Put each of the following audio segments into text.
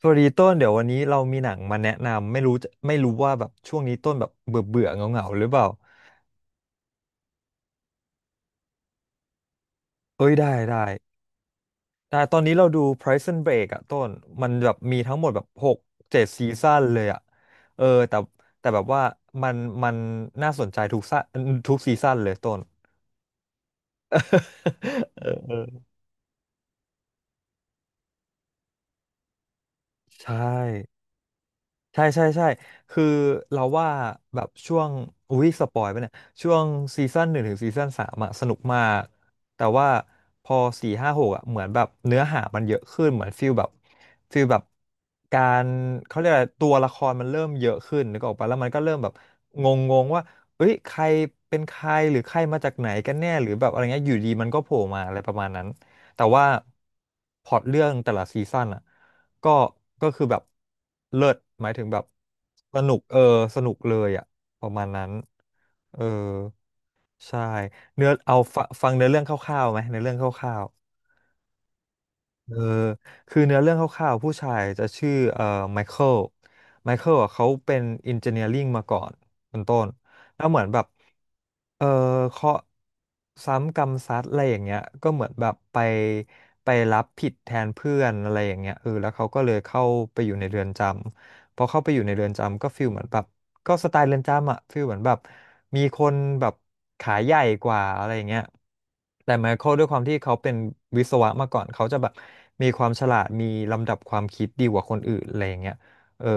สวัสดีต้นเดี๋ยววันนี้เรามีหนังมาแนะนำไม่รู้ว่าแบบช่วงนี้ต้นแบบเบื่อเบื่อเงาเงาๆหรือเปล่าเอ้ยได้ได้ตอนนี้เราดู Prison Break อะต้นมันแบบมีทั้งหมดแบบหกเจ็ดซีซั่นเลยอะเออแต่แบบว่ามันมันน่าสนใจทุกซีซั่นเลยต้น เออใช่ ใช่คือเราว่าแบบช่วงอุ้ยสปอยไปเนี่ยช่วงซีซั่นหนึ่งถึงซีซั่นสามอะสนุกมากแต่ว่าพอสี่ห้าหกอะเหมือนแบบเนื้อหามันเยอะขึ้นเหมือนฟิลแบบการเขาเรียกอะไรตัวละครมันเริ่มเยอะขึ้นนึกออกปะแล้วมันก็เริ่มแบบงงงว่าเอ้ยใครเป็นใครหรือใครมาจากไหนกันแน่หรือแบบอะไรเงี้ยอยู่ดีมันก็โผล่มาอะไรประมาณนั้นแต่ว่าพล็อตเรื่องแต่ละซีซั่นอะ ก็ก็คือแบบเลิศหมายถึงแบบสนุกเออสนุกเลยอ่ะประมาณนั้นเออใช่เนื้อเอาฟังเนื้อเรื่องคร่าวๆไหมเนื้อเรื่องคร่าว เออคือเนื้อเรื่องคร่าวๆผู้ชายจะชื่อไมเคิลไมเคิลอ่ะเขาเป็นอินเจเนียริงมาก่อนเป็นต้นแล้วเหมือนแบบเออเคราะห์ซ้ำกรรมซัดอะไรอย่างเงี้ยก็เหมือนแบบไปรับผิดแทนเพื่อนอะไรอย่างเงี้ยเออแล้วเขาก็เลยเข้าไปอยู่ในเรือนจำพอเข้าไปอยู่ในเรือนจำก็ฟีลเหมือนแบบ ก็สไตล์เรือนจำอะคือเหมือนแบบมีคนแบบขาใหญ่กว่าอะไรอย่างเงี้ยแต่ไมเคิลด้วยความที่เขาเป็นวิศวะมาก่อนเขาจะแบบมีความฉลาดมีลำดับความคิดดีกว่าคนอื่นอะไรอย่างเงี้ยเออ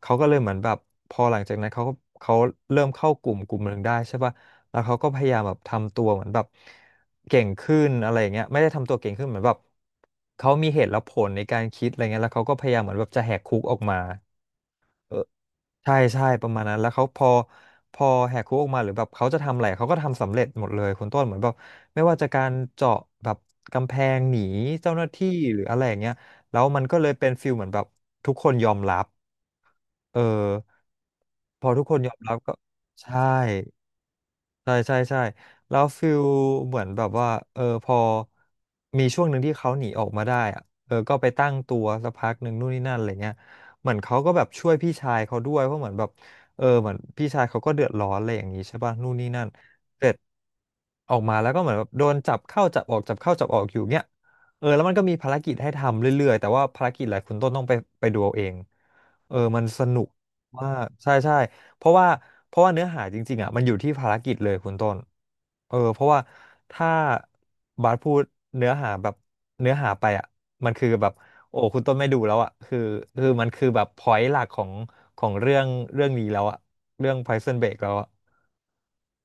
เขาก็เลยเหมือนแบบพอหลังจากนั้นเขาเริ่มเข้ากลุ่มกลุ่มหนึ่งได้ใช่ป่ะแล้วเขาก็พยายามแบบทำตัวเหมือนแบบเก่งขึ้นอะไรอย่างเงี้ยไม่ได้ทำตัวเก่งขึ้นเหมือนแบบเขามีเหตุและผลในการคิดอะไรเงี้ยแล้วเขาก็พยายามเหมือนแบบจะแหกคุกออกมา เออใช่ประมาณนั้นแล้วเขาพอแหกคุกออกมาหรือแบบเขาจะทำอะไรเขาก็ทำสำเร็จหมดเลยคุณต้นเหมือนแบบไม่ว่าจะการเจาะแบบกำแพงหนีเจ้าหน้าที่หรืออะไรอย่างเงี้ยแล้วมันก็เลยเป็นฟิลเหมือนแบบทุกคนยอมรับเออพอทุกคนยอมรับก็ใช่ ใช่แล้วฟิลเหมือนแบบว่าเออพอมีช่วงหนึ่งที่เขาหนีออกมาได้อะเออก็ไปตั้งตัวสักพักหนึ่งนู่นนี่นั่นอะไรเงี้ยเหมือนเขาก็แบบช่วยพี่ชายเขาด้วยเพราะเหมือนแบบเออเหมือนพี่ชายเขาก็เดือดร้อนอะไรอย่างนี้ใช่ป่ะนู่นนี่นั่นเสร็จออกมาแล้วก็เหมือนแบบโดนจับเข้าจับออกจับเข้าจับออกอยู่เงี้ยเออแล้วมันก็มีภารกิจให้ทำเรื่อยๆแต่ว่าภารกิจหลายคุณต้นต้องไปดูเอาเองเออมันสนุก ว่าใช่เพราะว่าเพราะว่าเนื้อหาจริงๆอ่ะมันอยู่ที่ภารกิจเลยคุณต้นเออเพราะว่าถ้าบาสพูดเนื้อหาแบบเนื้อหาไปอ่ะมันคือแบบโอ้คุณต้นไม่ดูแล้วอ่ะคือมันคือแบบพอยต์หลักของเรื่องนี้แล้วอ่ะเรื่อง Prison Break แล้วอ่ะ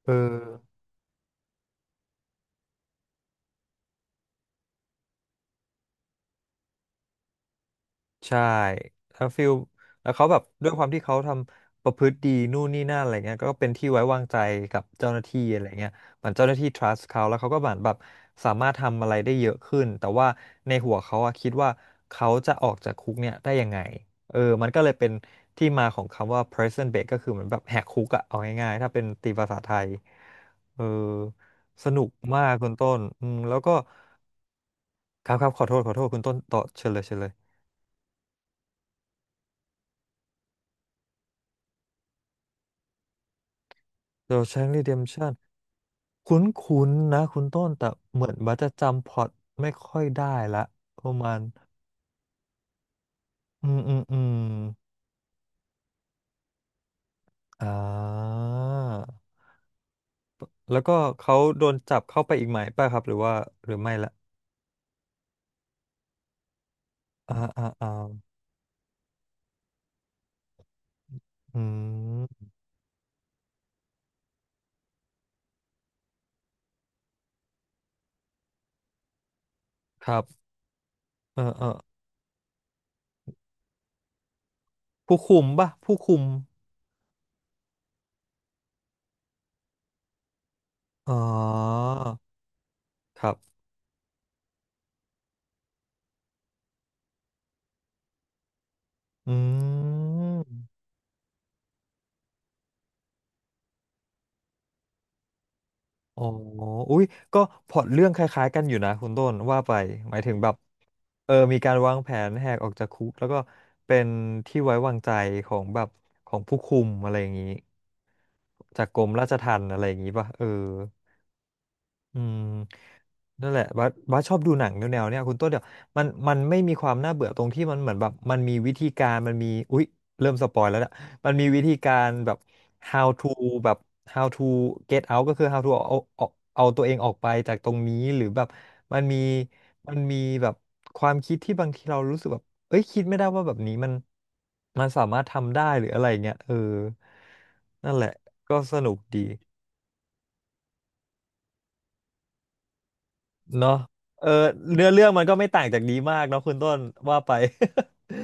เออ ใช่แล้วฟิลแล้วเขาแบบด้วยความที่เขาทำประพฤติดีนู่นนี่นั่นอะไรเงี้ยก็เป็นที่ไว้วางใจกับเจ้าหน้าที่อะไรเงี้ยเหมือนเจ้าหน้าที่ trust เขาแล้วเขาก็เหมือนแบบสามารถทำอะไรได้เยอะขึ้นแต่ว่าในหัวเขาอะคิดว่าเขาจะออกจากคุกเนี่ยได้ยังไงเออมันก็เลยเป็นที่มาของคำว่า prison break ก็คือเหมือนแบบแหกคุกอะเอาง่ายๆถ้าเป็นตีภาษาไทยเออสนุกมากคุณต้นอืมแล้วก็ครับขอโทษคุณต้นต่อเชิญเลย The Shawshank Redemption คุ้นๆนะคุณต้นแต่เหมือนบัสจะจำพล็อตไม่ค่อยได้ละประมาณอืมอ่าแล้วก็เขาโดนจับเข้าไปอีกไหมป่ะครับหรือว่าหรือไม่ละอ่าอืมครับเออผู้คุมอ๋อครับอืมอ๋ออุ้ยก็พล็อตเรื่องคล้ายๆกันอยู่นะคุณต้นว่าไปหมายถึงแบบ เออมีการวางแผนแหกออกจากคุกแล้วก็เป็นที่ไว้วางใจของแบบของผู้คุมอะไรอย่างนี้จากกรมราชทัณฑ์อะไรอย่างนี้ป่ะเออ อืมนั่นแหละบัสชอบดูหนังแนวๆเนี่ยคุณต้นเดี๋ยวมันไม่มีความน่าเบื่อตรงที่มันเหมือนแบบมันมีวิธีการมันมีอุ๊ยเริ่มสปอยแล้วเนี่ยมันมีวิธีการแบบ how to แบบ how to get out ก็คือ how to เอาเอาตัวเองออกไปจากตรงนี้หรือแบบมันมีมันมีแบบความคิดที่บางทีเรารู้สึกแบบเอ้ยคิดไม่ได้ว่าแบบนี้มันสามารถทำได้หรืออะไรเงี้ยเออนั่นแหละก็สนุกดี เนาะเออเนื้อเรื่องมันก็ไม่ต่างจากนี้มากเนาะคุณต้นว่าไป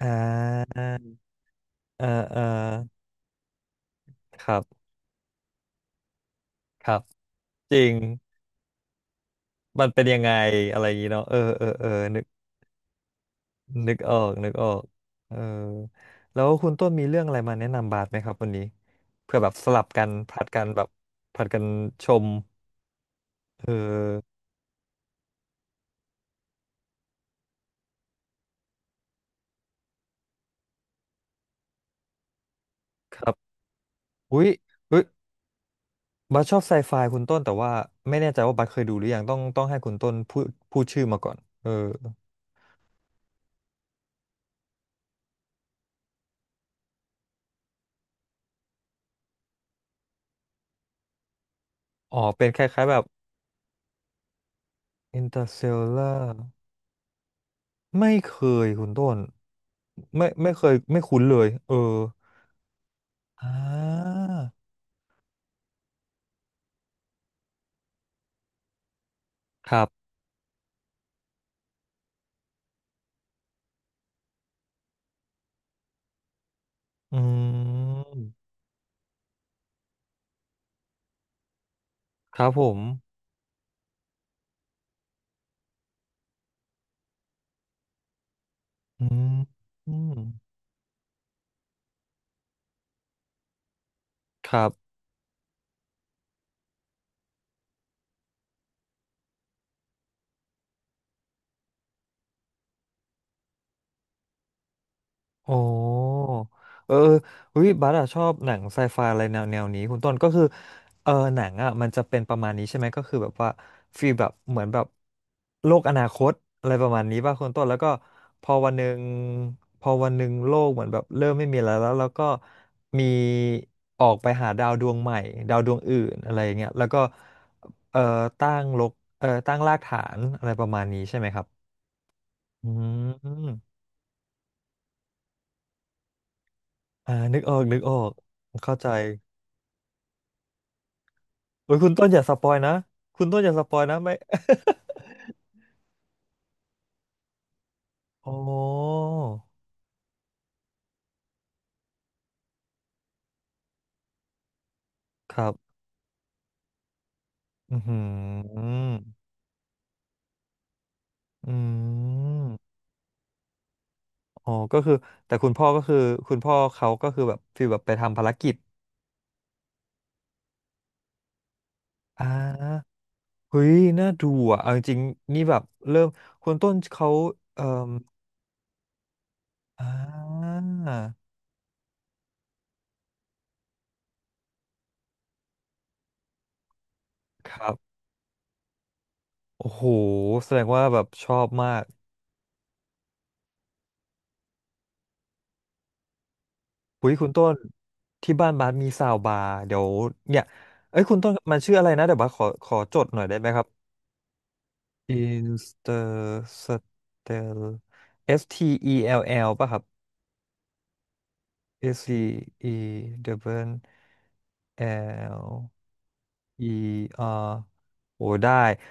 อ่าเออเออครับครับจริงมันเป็นยังไงอะไรอย่างงี้เนาะเออเออเออนึกนึกออกเออแล้วคุณต้นมีเรื่องอะไรมาแนะนำบาสไหมครับวันนี้เพื่อแบบสลับกันผลัดกันแบบผลัดกันชมเออครับอุ้ยอุ้ยบัสชอบไซไฟคุณต้นแต่ว่าไม่แน่ใจว่าบัสเคยดูหรือยังต้องให้คุณต้นพูดชื่อมาก่อนเออ อ๋อเป็นคล้ายๆแบบ Interstellar ไม่เคยคุณต้นไม่เคยไม่คุ้นเลยเอออ่าครับอืมครับผมอืมอืมครับ โอ้เออเฮ้ยบัสอะชอบหนังไซไฟอะไรแนวแนวนี้คุณต้นก็คือเออหนังอะมันจะเป็นประมาณนี้ใช่ไหมก็คือแบบว่าฟีลแบบเหมือนแบบโลกอนาคตอะไรประมาณนี้ป่ะคุณต้นแล้วก็พอวันหนึ่งพอวันหนึ่งโลกเหมือนแบบเริ่มไม่มีอะไรแล้วแล้วก็มีออกไปหาดาวดวงใหม่ดาวดวงอื่นอะไรอย่างเงี้ยแล้วก็เออตั้งรกเออตั้งรากฐานอะไรประมาณนี้ใช่ไหมครับอืมอ่านึกออกเข้าใจ โอ้ยคุณต้นอย่าสปอยนะคุณต้นอย่าสปอยนะไม่ โอ้ครับอือหืออืมอ๋อก็คือแต่คุณพ่อก็คือคุณพ่อเขาก็คือแบบฟีลแบบไปทำภารกิจอ่าเฮ้ยน่าดูอ่ะเอาจริงๆนี่แบบเริ่มคุณต้นเขาเอ่ออ่าครับโอ้โหแสดงว่าแบบชอบมาก คุยคุณต้นที่บ้านบาสมีซาวบาร์เดี๋ยวเนี่ยเอ้ยคุณต้นมันชื่ออะไรนะเดี๋ยวบาสขอจดหน่อยได้ไหมครับ Instel S T E L L ป่ะครับ S T E W L E R โอ้ได้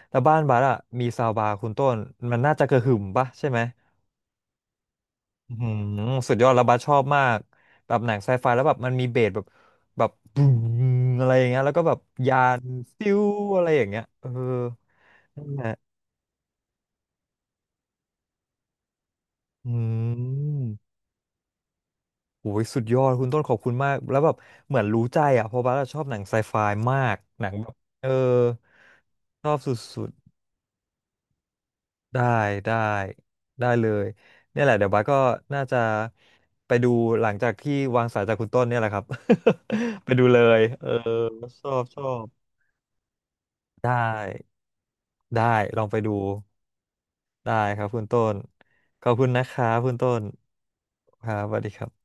แล้วบ้านบาสอะมีซาวบาร์คุณต้นมันน่าจะกระหึ่มป่ะใช่ไหม อืมสุดยอดแล้วบัสชอบมากแบบหนังไซไฟแล้วแบบมันมีเบสแบบบูมอะไรอย่างเงี้ยแล้วก็แบบยานซิวอะไรอย่างเงี้ยเออนั่นแหละอืมโอ้ยสุดยอดคุณต้นขอบคุณมากแล้วแบบเหมือนรู้ใจอ่ะเพราะบัสอะชอบหนังไซไฟมากหนังแบบเออชอบสุดๆได้ได้เลยเนี่ยแหละเดี๋ยวบัสก็น่าจะไปดูหลังจากที่วางสายจากคุณต้นเนี่ยแหละครับ ไปดูเลยเออชอบชอบ ได้ได้ลองไปดูได้ครับคุณต้นขอบคุณนะครับคุณต้นครับสวัสดีครับ